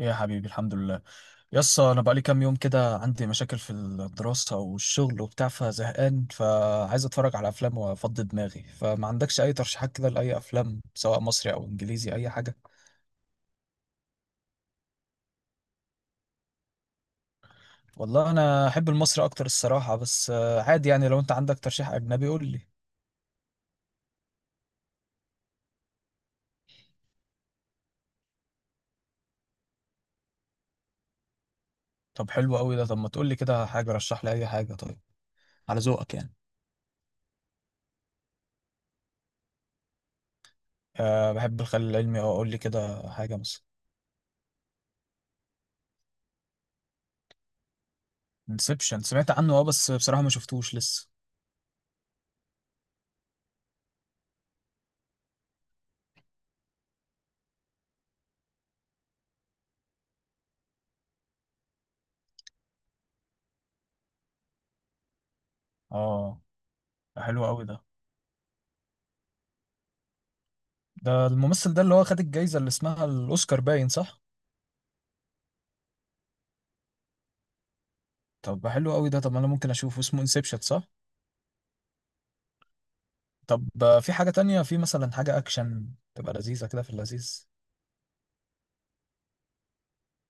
يا حبيبي، الحمد لله. يس، انا بقالي كام يوم كده عندي مشاكل في الدراسة والشغل وبتاع، فزهقان، فعايز اتفرج على افلام وافضي دماغي، فما عندكش اي ترشيحات كده لاي افلام سواء مصري او انجليزي اي حاجة؟ والله انا احب المصري اكتر الصراحة، بس عادي يعني، لو انت عندك ترشيح اجنبي قول لي. طب حلو قوي ده. طب ما تقول لي كده حاجة، رشح لي اي حاجة طيب. على ذوقك يعني. أه، بحب الخيال العلمي. اه، قول لي كده حاجة مثلا. انسبشن؟ سمعت عنه اه، بس بصراحة ما شفتوش لسه. اه، ده حلو قوي ده. ده الممثل ده اللي هو خد الجايزة اللي اسمها الأوسكار باين، صح؟ طب حلو قوي ده. طب أنا ممكن أشوفه، اسمه انسبشن صح؟ طب في حاجة تانية، في مثلا حاجة أكشن تبقى لذيذة كده، في اللذيذ؟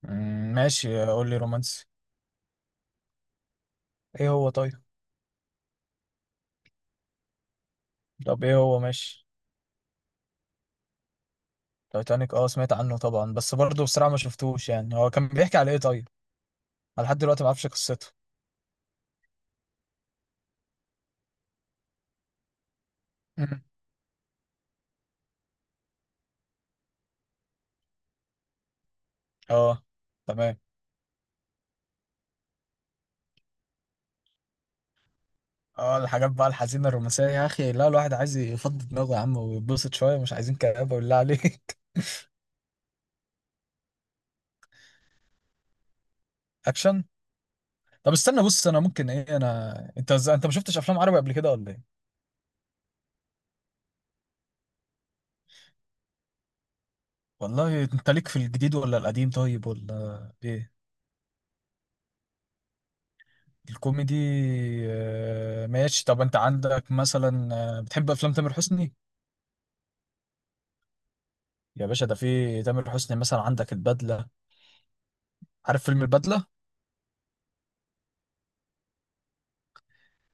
مم، ماشي قول لي رومانسي. إيه هو طيب؟ طب إيه هو ماشي؟ تايتانيك، أه سمعت عنه طبعا، بس برضه بصراحة ما شفتوش يعني. هو كان بيحكي على إيه طيب؟ أنا لحد دلوقتي ما أعرفش قصته. مم. أه. تمام. اه الحاجات بقى الحزينة الرومانسية يا أخي، لا، الواحد عايز يفضي دماغه يا عم ويتبسط شوية، مش عايزين كآبة بالله عليك. أكشن. طب استنى، بص انا ممكن ايه، انا انت انت ما شفتش افلام عربي قبل كده ولا ايه؟ والله انت ليك في الجديد ولا القديم طيب ولا ايه؟ الكوميدي. ماشي. طب انت عندك مثلا، بتحب افلام تامر حسني؟ يا باشا، ده في تامر حسني مثلا عندك البدلة. عارف فيلم البدلة؟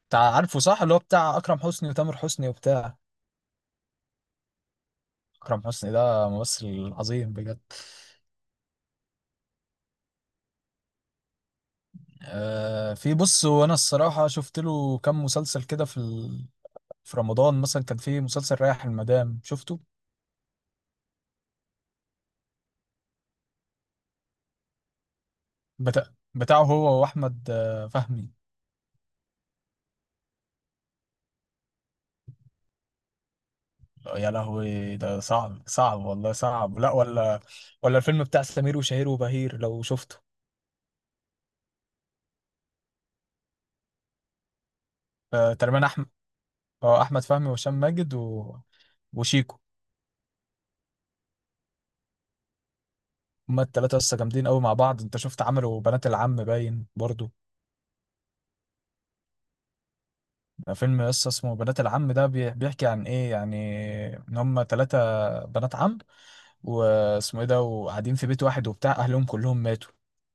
بتاع، عارفه صح، اللي هو بتاع اكرم حسني وتامر حسني وبتاع. اكرم حسني ده ممثل عظيم بجد. في بص، وانا الصراحة شفت له كام مسلسل كده في رمضان مثلا كان في مسلسل رايح المدام، شفته؟ بتاع، بتاعه هو واحمد فهمي. يا لهوي، ده صعب صعب والله، صعب لا ولا. ولا الفيلم بتاع سمير وشهير وبهير لو شفته. تقريبا احمد، احمد فهمي وهشام ماجد وشيكو. هما التلاتة لسه جامدين قوي مع بعض. انت شفت عملوا بنات العم باين برضو؟ ده فيلم لسه اسمه بنات العم، ده بيحكي عن ايه يعني، ان هما تلاتة بنات عم، واسمه ايه ده، وقاعدين في بيت واحد وبتاع، اهلهم كلهم ماتوا.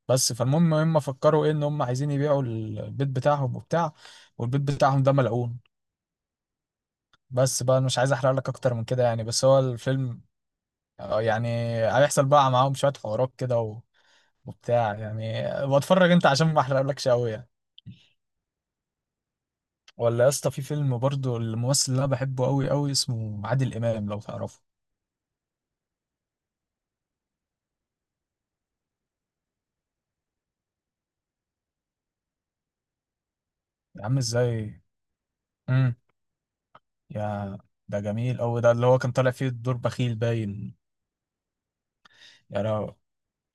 بس فالمهم هم فكروا ايه، ان هم عايزين يبيعوا البيت بتاعهم وبتاع. والبيت بتاعهم ده ملعون. بس بقى أنا مش عايز احرق لك اكتر من كده يعني، بس هو الفيلم يعني هيحصل بقى معاهم شوية حوارات كده وبتاع يعني، بتفرج انت، عشان ما احرقلكش قوي يعني. ولا يا اسطى، في فيلم برضو الممثل اللي انا بحبه قوي قوي اسمه عادل امام لو تعرفه. يا عم ازاي. امم يا ده جميل قوي ده، اللي هو كان طالع فيه دور بخيل باين. يعني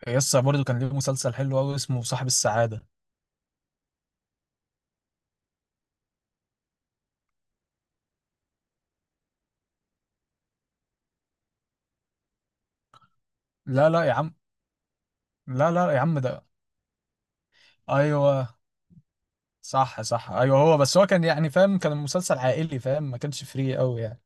يسا برضه كان ليه مسلسل حلو قوي اسمه صاحب السعادة. لا لا يا عم، لا لا يا عم ده. ايوه صح صح، ايوه هو، بس هو كان يعني فاهم، كان مسلسل عائلي فاهم، ما كانش فري قوي يعني.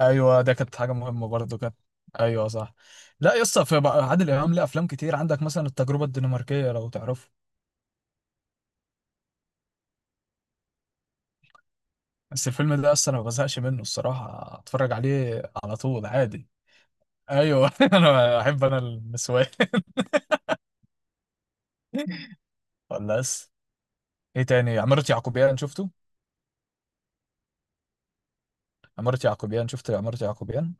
ايوه، ده كانت حاجة مهمة برضه كانت. ايوه صح. لا يسا في بقى عادل امام ليه افلام كتير عندك مثلا التجربة الدنماركية لو تعرفه. بس الفيلم ده اصلا انا ما بزهقش منه الصراحة، اتفرج عليه على طول عادي. ايوه انا احب انا النسوان. ولا بس. ايه تاني، عمارة يعقوبيان شفته؟ عمارة يعقوبيان، شفت عمارة يعقوبيان؟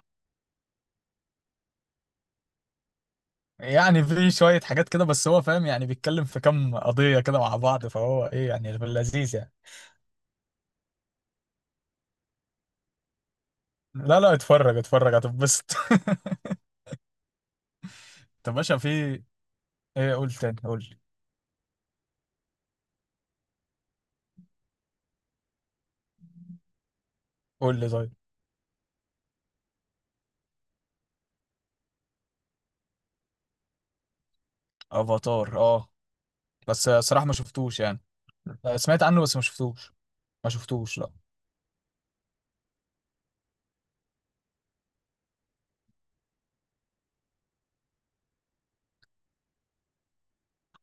يعني في شوية حاجات كده بس هو فاهم، يعني بيتكلم في كام قضية كده مع بعض، فهو ايه يعني في اللذيذ يعني. لا لا اتفرج اتفرج، هتتبسط. طب باشا، في ايه؟ قول تاني قول. قول لي طيب. افاتار، اه، بس صراحة ما شفتوش يعني. سمعت عنه بس ما شفتوش، ما شفتوش لا.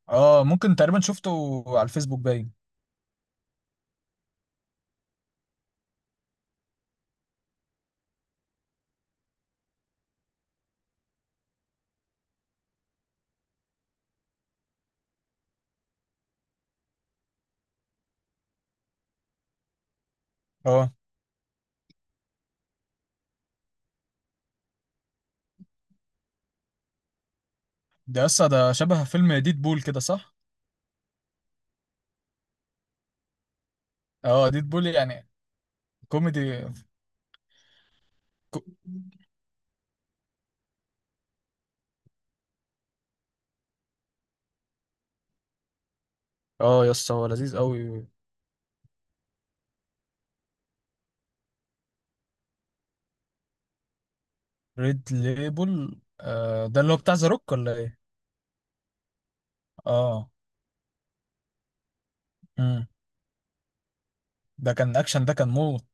اه ممكن تقريبا شفته على الفيسبوك باين. اه، ده لسه ده شبه فيلم ديد بول كده صح؟ اه ديد بول، يعني كوميدي. كو- اه يس هو لذيذ قوي. ريد ليبل، آه ده اللي هو بتاع ذا روك ولا ايه؟ اه. امم. ده كان اكشن، ده كان موت.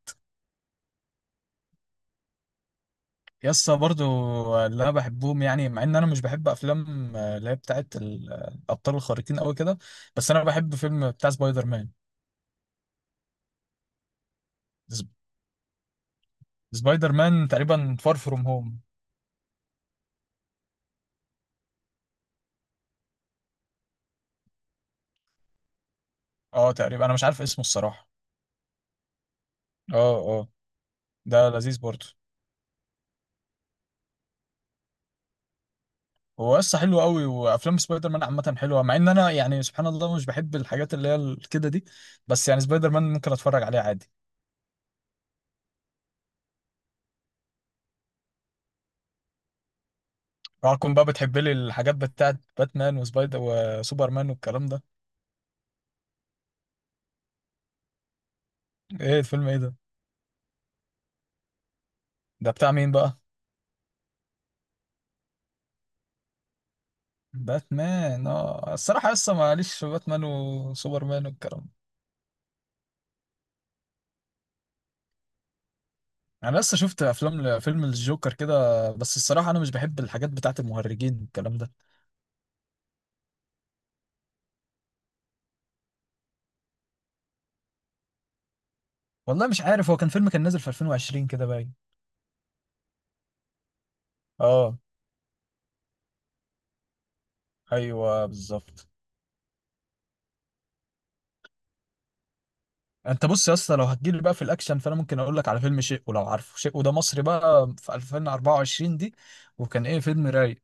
يسا برضو اللي انا بحبهم، يعني مع ان انا مش بحب افلام اللي هي بتاعت الابطال الخارقين قوي كده، بس انا بحب فيلم بتاع سبايدر مان. س- سبايدر مان تقريبا فار فروم هوم. اه تقريبا انا مش عارف اسمه الصراحة. اه اه. ده لذيذ برضو. هو قصة حلو قوي، وافلام سبايدر مان عامة حلوة مع ان انا يعني سبحان الله مش بحب الحاجات اللي هي كده دي، بس يعني سبايدر مان ممكن اتفرج عليه عادي. اوعكم بقى بتحب لي الحاجات بتاعت باتمان وسبايدر وسوبرمان والكلام ده. ايه الفيلم، ايه ده؟ ده بتاع مين بقى؟ باتمان، اه الصراحه لسه ماليش في باتمان وسوبرمان والكلام ده. انا لسه شفت افلام، فيلم الجوكر كده، بس الصراحه انا مش بحب الحاجات بتاعت المهرجين والكلام ده. والله مش عارف، هو كان فيلم كان نازل في 2020 كده باين. اه. ايوه بالظبط. انت بص يا اسطى، لو هتجيلي بقى في الاكشن فانا ممكن اقول لك على فيلم شيء، ولو عارفه شيء، وده مصري بقى في 2024 دي، وكان ايه فيلم رايق.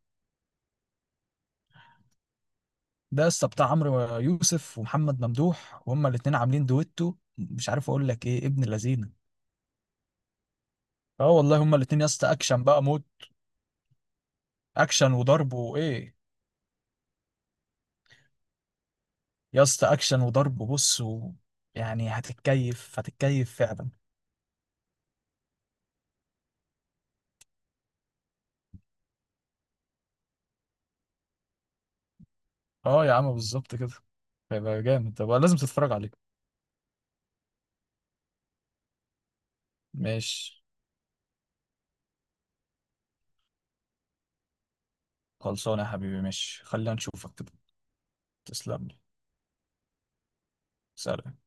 ده قصة بتاع عمرو يوسف ومحمد ممدوح، وهما الاتنين عاملين دويتو مش عارف اقول لك ايه، ابن لذينه. اه والله هما الاتنين يا اسطى اكشن بقى موت. اكشن وضرب وايه. يا اسطى اكشن وضرب، بص يعني هتتكيف، هتتكيف فعلا. اه يا عم بالظبط كده. هيبقى جامد، طب لازم تتفرج عليه. ماشي. خلصانه يا حبيبي، ماشي خلينا نشوفك كده. تسلم لي. سلام.